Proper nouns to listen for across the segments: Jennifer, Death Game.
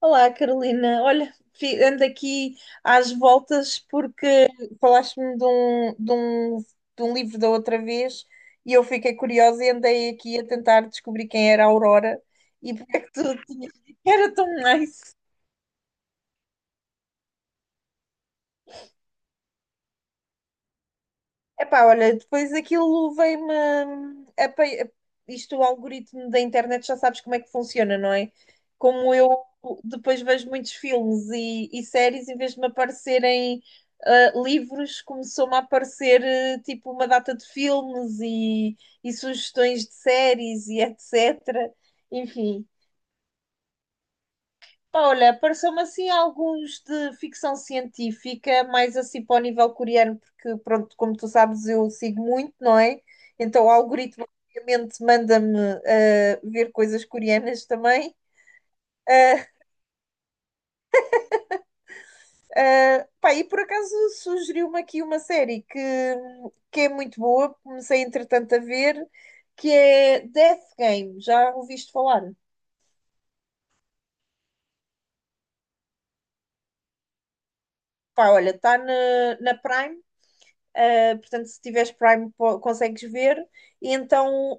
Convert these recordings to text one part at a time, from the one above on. Olá, Carolina. Olha, ando aqui às voltas porque falaste-me de um livro da outra vez e eu fiquei curiosa e andei aqui a tentar descobrir quem era a Aurora e porque é que tu tinhas dito que era tão nice. Epá, olha, depois aquilo isto, o algoritmo da internet, já sabes como é que funciona, não é? Como eu depois vejo muitos filmes e séries, em vez de me aparecerem livros, começou-me a aparecer tipo uma data de filmes e sugestões de séries e etc. Enfim, pá, olha, pareceu-me assim alguns de ficção científica, mais assim para o nível coreano, porque pronto, como tu sabes, eu sigo muito, não é? Então o algoritmo obviamente manda-me ver coisas coreanas também. Ah, Pá, e por acaso sugeriu-me aqui uma série que é muito boa, comecei entretanto a ver, que é Death Game, já ouviste falar? Pá, olha, na Prime, portanto se tiveres consegues ver, e então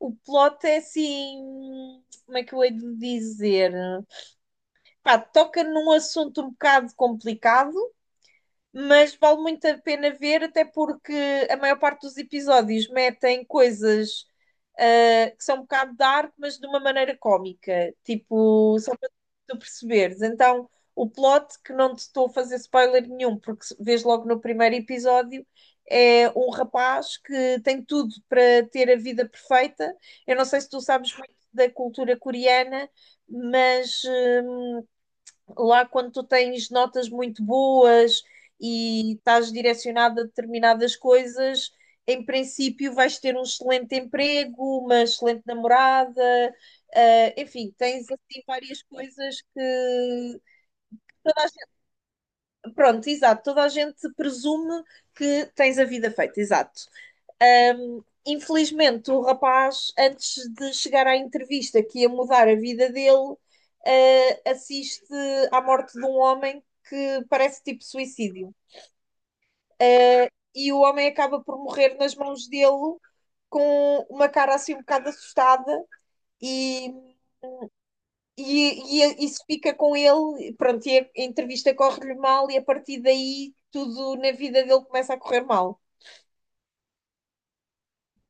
o plot é assim, como é que eu hei de dizer? Pá, toca num assunto um bocado complicado, mas vale muito a pena ver, até porque a maior parte dos episódios metem coisas que são um bocado dark, mas de uma maneira cómica, tipo, só para tu perceberes. Então, o plot, que não te estou a fazer spoiler nenhum, porque vês logo no primeiro episódio, é um rapaz que tem tudo para ter a vida perfeita. Eu não sei se tu sabes muito da cultura coreana, mas lá, quando tu tens notas muito boas e estás direcionado a determinadas coisas, em princípio vais ter um excelente emprego, uma excelente namorada, enfim, tens assim várias coisas que. Pronto, exato, toda a gente presume que tens a vida feita, exato. Infelizmente, o rapaz, antes de chegar à entrevista que ia mudar a vida dele, assiste à morte de um homem que parece tipo suicídio. Uh, e o homem acaba por morrer nas mãos dele com uma cara assim um bocado assustada e, e isso fica com ele, pronto, e a entrevista corre-lhe mal e a partir daí tudo na vida dele começa a correr mal.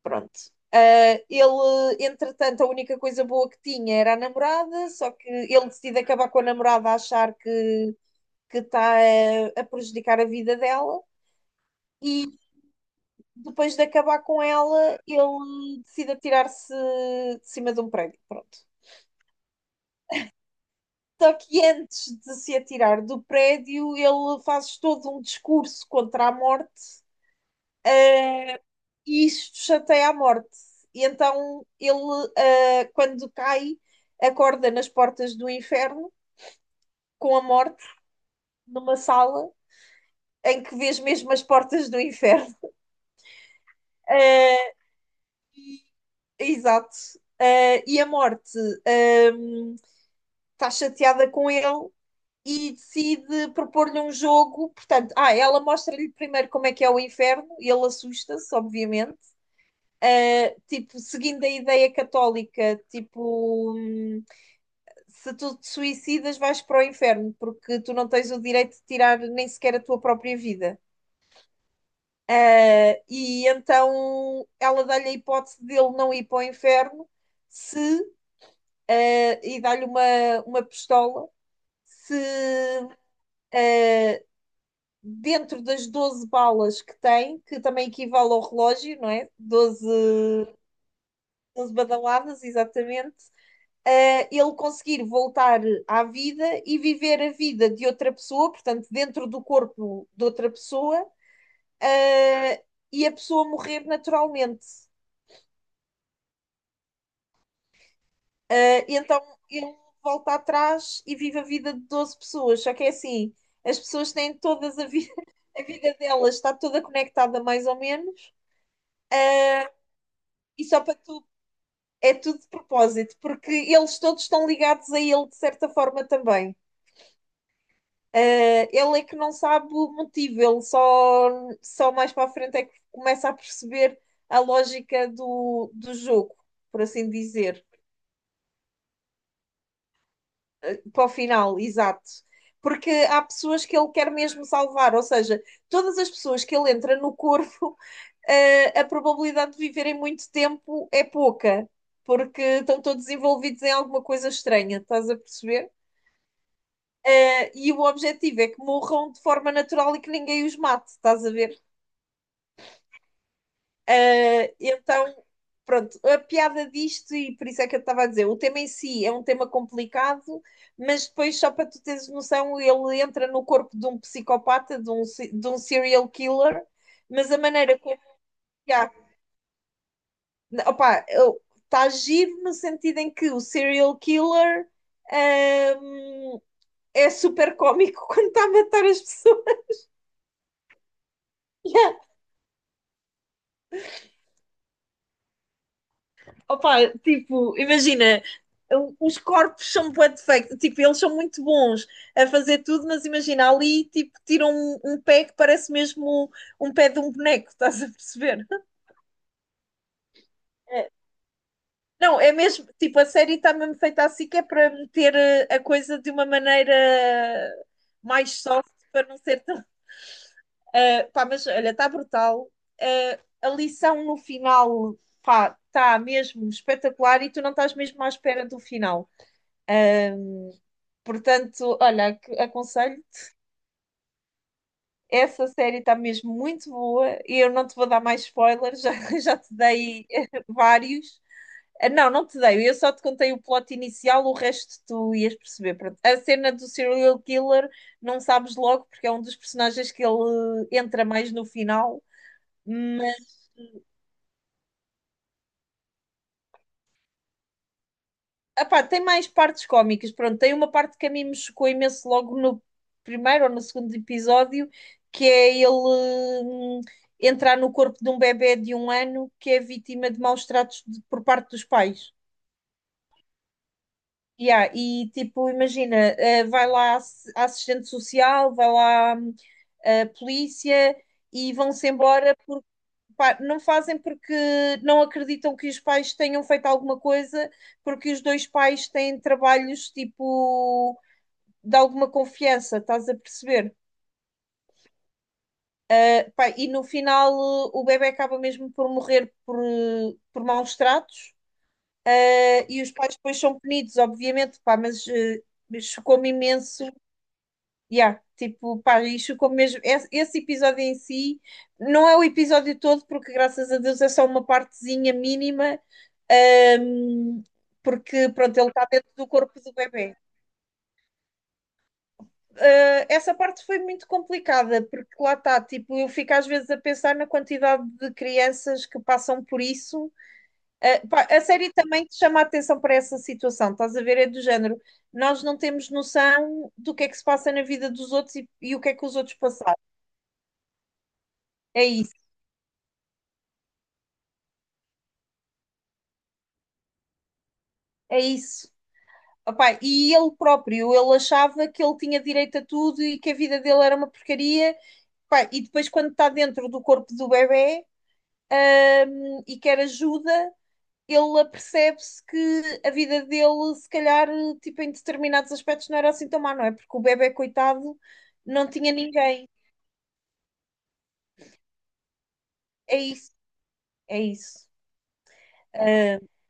Pronto. Ele, entretanto, a única coisa boa que tinha era a namorada, só que ele decide acabar com a namorada a achar que está a prejudicar a vida dela, e depois de acabar com ela, ele decide atirar-se de cima de um prédio. Pronto. Só que antes de se atirar do prédio, ele faz todo um discurso contra a morte e isto chateia à morte. E então ele, quando cai, acorda nas portas do inferno com a morte numa sala em que vês mesmo as portas do inferno. Exato. E a morte ah, está chateada com ele e decide propor-lhe um jogo. Portanto, ela mostra-lhe primeiro como é que é o inferno e ele assusta-se, obviamente. Tipo, seguindo a ideia católica, tipo, se tu te suicidas, vais para o inferno, porque tu não tens o direito de tirar nem sequer a tua própria vida. E então ela dá-lhe a hipótese dele não ir para o inferno se, ah, e dá-lhe uma pistola se dentro das 12 balas que tem, que também equivale ao relógio, não é? Doze badaladas, exatamente, ele conseguir voltar à vida e viver a vida de outra pessoa, portanto, dentro do corpo de outra pessoa, e a pessoa morrer naturalmente. Então ele volta atrás e vive a vida de 12 pessoas, só que é assim. As pessoas têm todas a vida, a vida delas está toda conectada mais ou menos, e só para tu é tudo de propósito, porque eles todos estão ligados a ele de certa forma também. Ele é que não sabe o motivo, só mais para a frente é que começa a perceber a lógica do jogo, por assim dizer, para o final, exato. Porque há pessoas que ele quer mesmo salvar, ou seja, todas as pessoas que ele entra no corpo, a probabilidade de viverem muito tempo é pouca, porque estão todos envolvidos em alguma coisa estranha, estás a perceber? E o objetivo é que morram de forma natural e que ninguém os mate, estás a ver? Ah, então, Pronto, a piada disto, e por isso é que eu estava a dizer, o tema em si é um tema complicado, mas depois, só para tu teres noção, ele entra no corpo de um psicopata, de um, se- de um serial killer, mas a maneira como. Yeah, opa, está giro no sentido em que o serial killer, ahm, é super cómico quando está a matar as pessoas. Opa, tipo, imagina, os corpos são bué defectos, tipo, eles são muito bons a fazer tudo, mas imagina, ali, tipo, tiram um pé que parece mesmo um pé de um boneco, estás a perceber? É. Não, é mesmo, tipo, a série está mesmo feita assim que é para meter a coisa de uma maneira mais soft, para não ser tão Ah, pá, mas olha, está brutal. Ah, a lição no final, pá, está mesmo espetacular e tu não estás mesmo à espera do final. Portanto, olha, aconselho-te. Essa série está mesmo muito boa e eu não te vou dar mais spoilers, já te dei vários. Ah, não, não te dei, eu só te contei o plot inicial, o resto tu ias perceber. Pronto. A cena do serial killer não sabes logo, porque é um dos personagens que ele entra mais no final. Epá, tem mais partes cómicas. Pronto, tem uma parte que a mim me chocou imenso logo no primeiro ou no segundo episódio, que é ele entrar no corpo de um bebé de um ano que é vítima de maus tratos por parte dos pais. Yeah, e tipo, imagina, vai lá a assistente social, vai lá a polícia e vão-se embora. Pá, não fazem porque não acreditam que os pais tenham feito alguma coisa, porque os dois pais têm trabalhos tipo de alguma confiança, estás a perceber? Pá, e no final o bebé acaba mesmo por morrer por maus tratos, e os pais depois são punidos, obviamente, pá, mas chocou-me imenso. Yeah, tipo, pá, isto como mesmo. Esse episódio em si não é o episódio todo, porque graças a Deus é só uma partezinha mínima, ahm, porque pronto, ele está dentro do corpo do bebê. Ah, essa parte foi muito complicada, porque lá está, tipo, eu fico às vezes a pensar na quantidade de crianças que passam por isso. Ah, pá, a série também te chama a atenção para essa situação, estás a ver? É do género. Nós não temos noção do que é que se passa na vida dos outros e o que é que os outros passaram. É isso. É isso. Opá, e ele próprio, ele achava que ele tinha direito a tudo e que a vida dele era uma porcaria. Opá, e depois, quando está dentro do corpo do bebê, e quer ajuda, ele apercebe-se que a vida dele, se calhar, tipo, em determinados aspectos, não era assim tão má, não é? Porque o bebê, coitado, não tinha ninguém. É isso, é isso.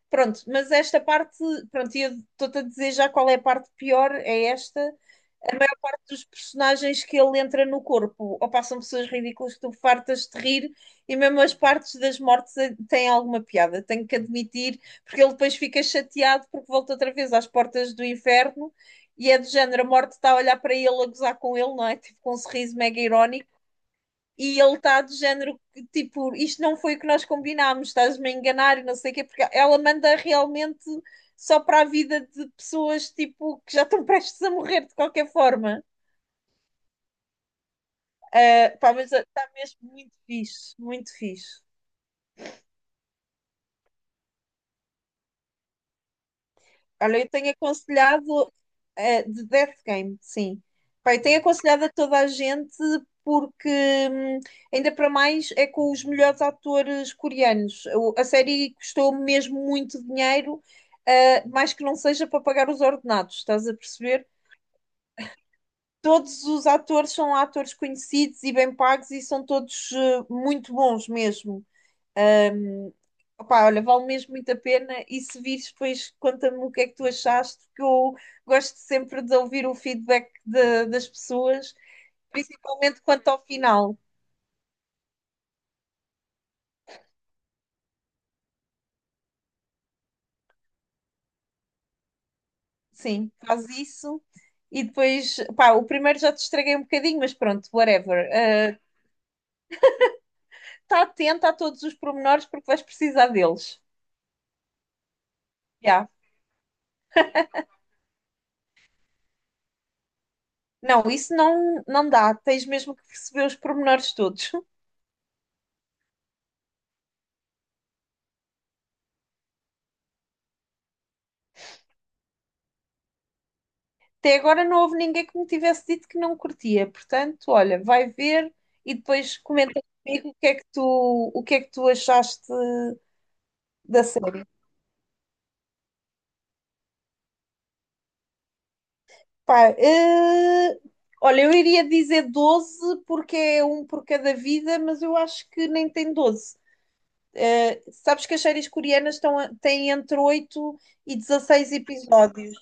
Pronto, mas esta parte, pronto, e eu estou-te a dizer já qual é a parte pior, é esta, a maior parte dos personagens que ele entra no corpo, ou passam pessoas ridículas que tu fartas de rir, e mesmo as partes das mortes têm alguma piada, tenho que admitir, porque ele depois fica chateado porque volta outra vez às portas do inferno e é do género, a morte está a olhar para ele, a gozar com ele, não é? Tipo, com um sorriso mega irónico. E ele está do género, tipo, isto não foi o que nós combinámos, estás-me a enganar e não sei o quê, porque ela manda realmente só para a vida de pessoas, tipo, que já estão prestes a morrer de qualquer forma. Pá, mas está mesmo muito fixe, muito fixe. Olha, eu tenho aconselhado de Death Game, sim. Pá, eu tenho aconselhado a toda a gente porque hum, ainda para mais é com os melhores atores coreanos. A série custou mesmo muito dinheiro, mais que não seja para pagar os ordenados, estás a perceber? Todos os atores são atores conhecidos e bem pagos e são todos muito bons mesmo. Ahm, Opá, olha, vale mesmo muito a pena. E se vires, depois conta-me o que é que tu achaste, que eu gosto sempre de ouvir o feedback das pessoas, principalmente quanto ao final. Sim, faz isso. E depois, pá, o primeiro já te estraguei um bocadinho, mas pronto, whatever. Está atento a todos os pormenores porque vais precisar deles. Já. Não, isso não, não dá. Tens mesmo que perceber os pormenores todos. Até agora não houve ninguém que me tivesse dito que não curtia. Portanto, olha, vai ver e depois comenta comigo o que é que tu achaste da série. Pá, olha, eu iria dizer 12 porque é um por cada vida, mas eu acho que nem tem doze. Sabes que as séries coreanas têm entre 8 e 16 episódios.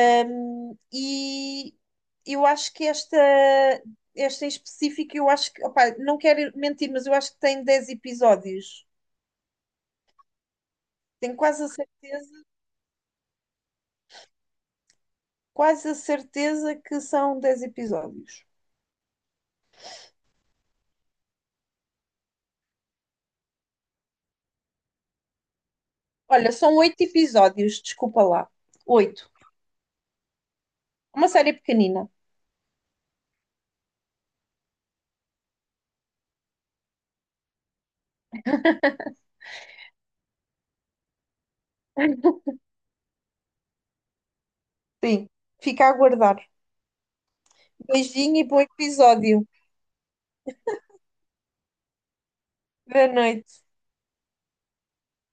E eu acho que esta em específico, eu acho que, opá, não quero mentir, mas eu acho que tem 10 episódios. Tenho quase a certeza que são 10 episódios. Olha, são 8 episódios, desculpa lá. Oito. Uma série pequenina. Sim. Fica a aguardar. Beijinho e bom episódio. Boa noite.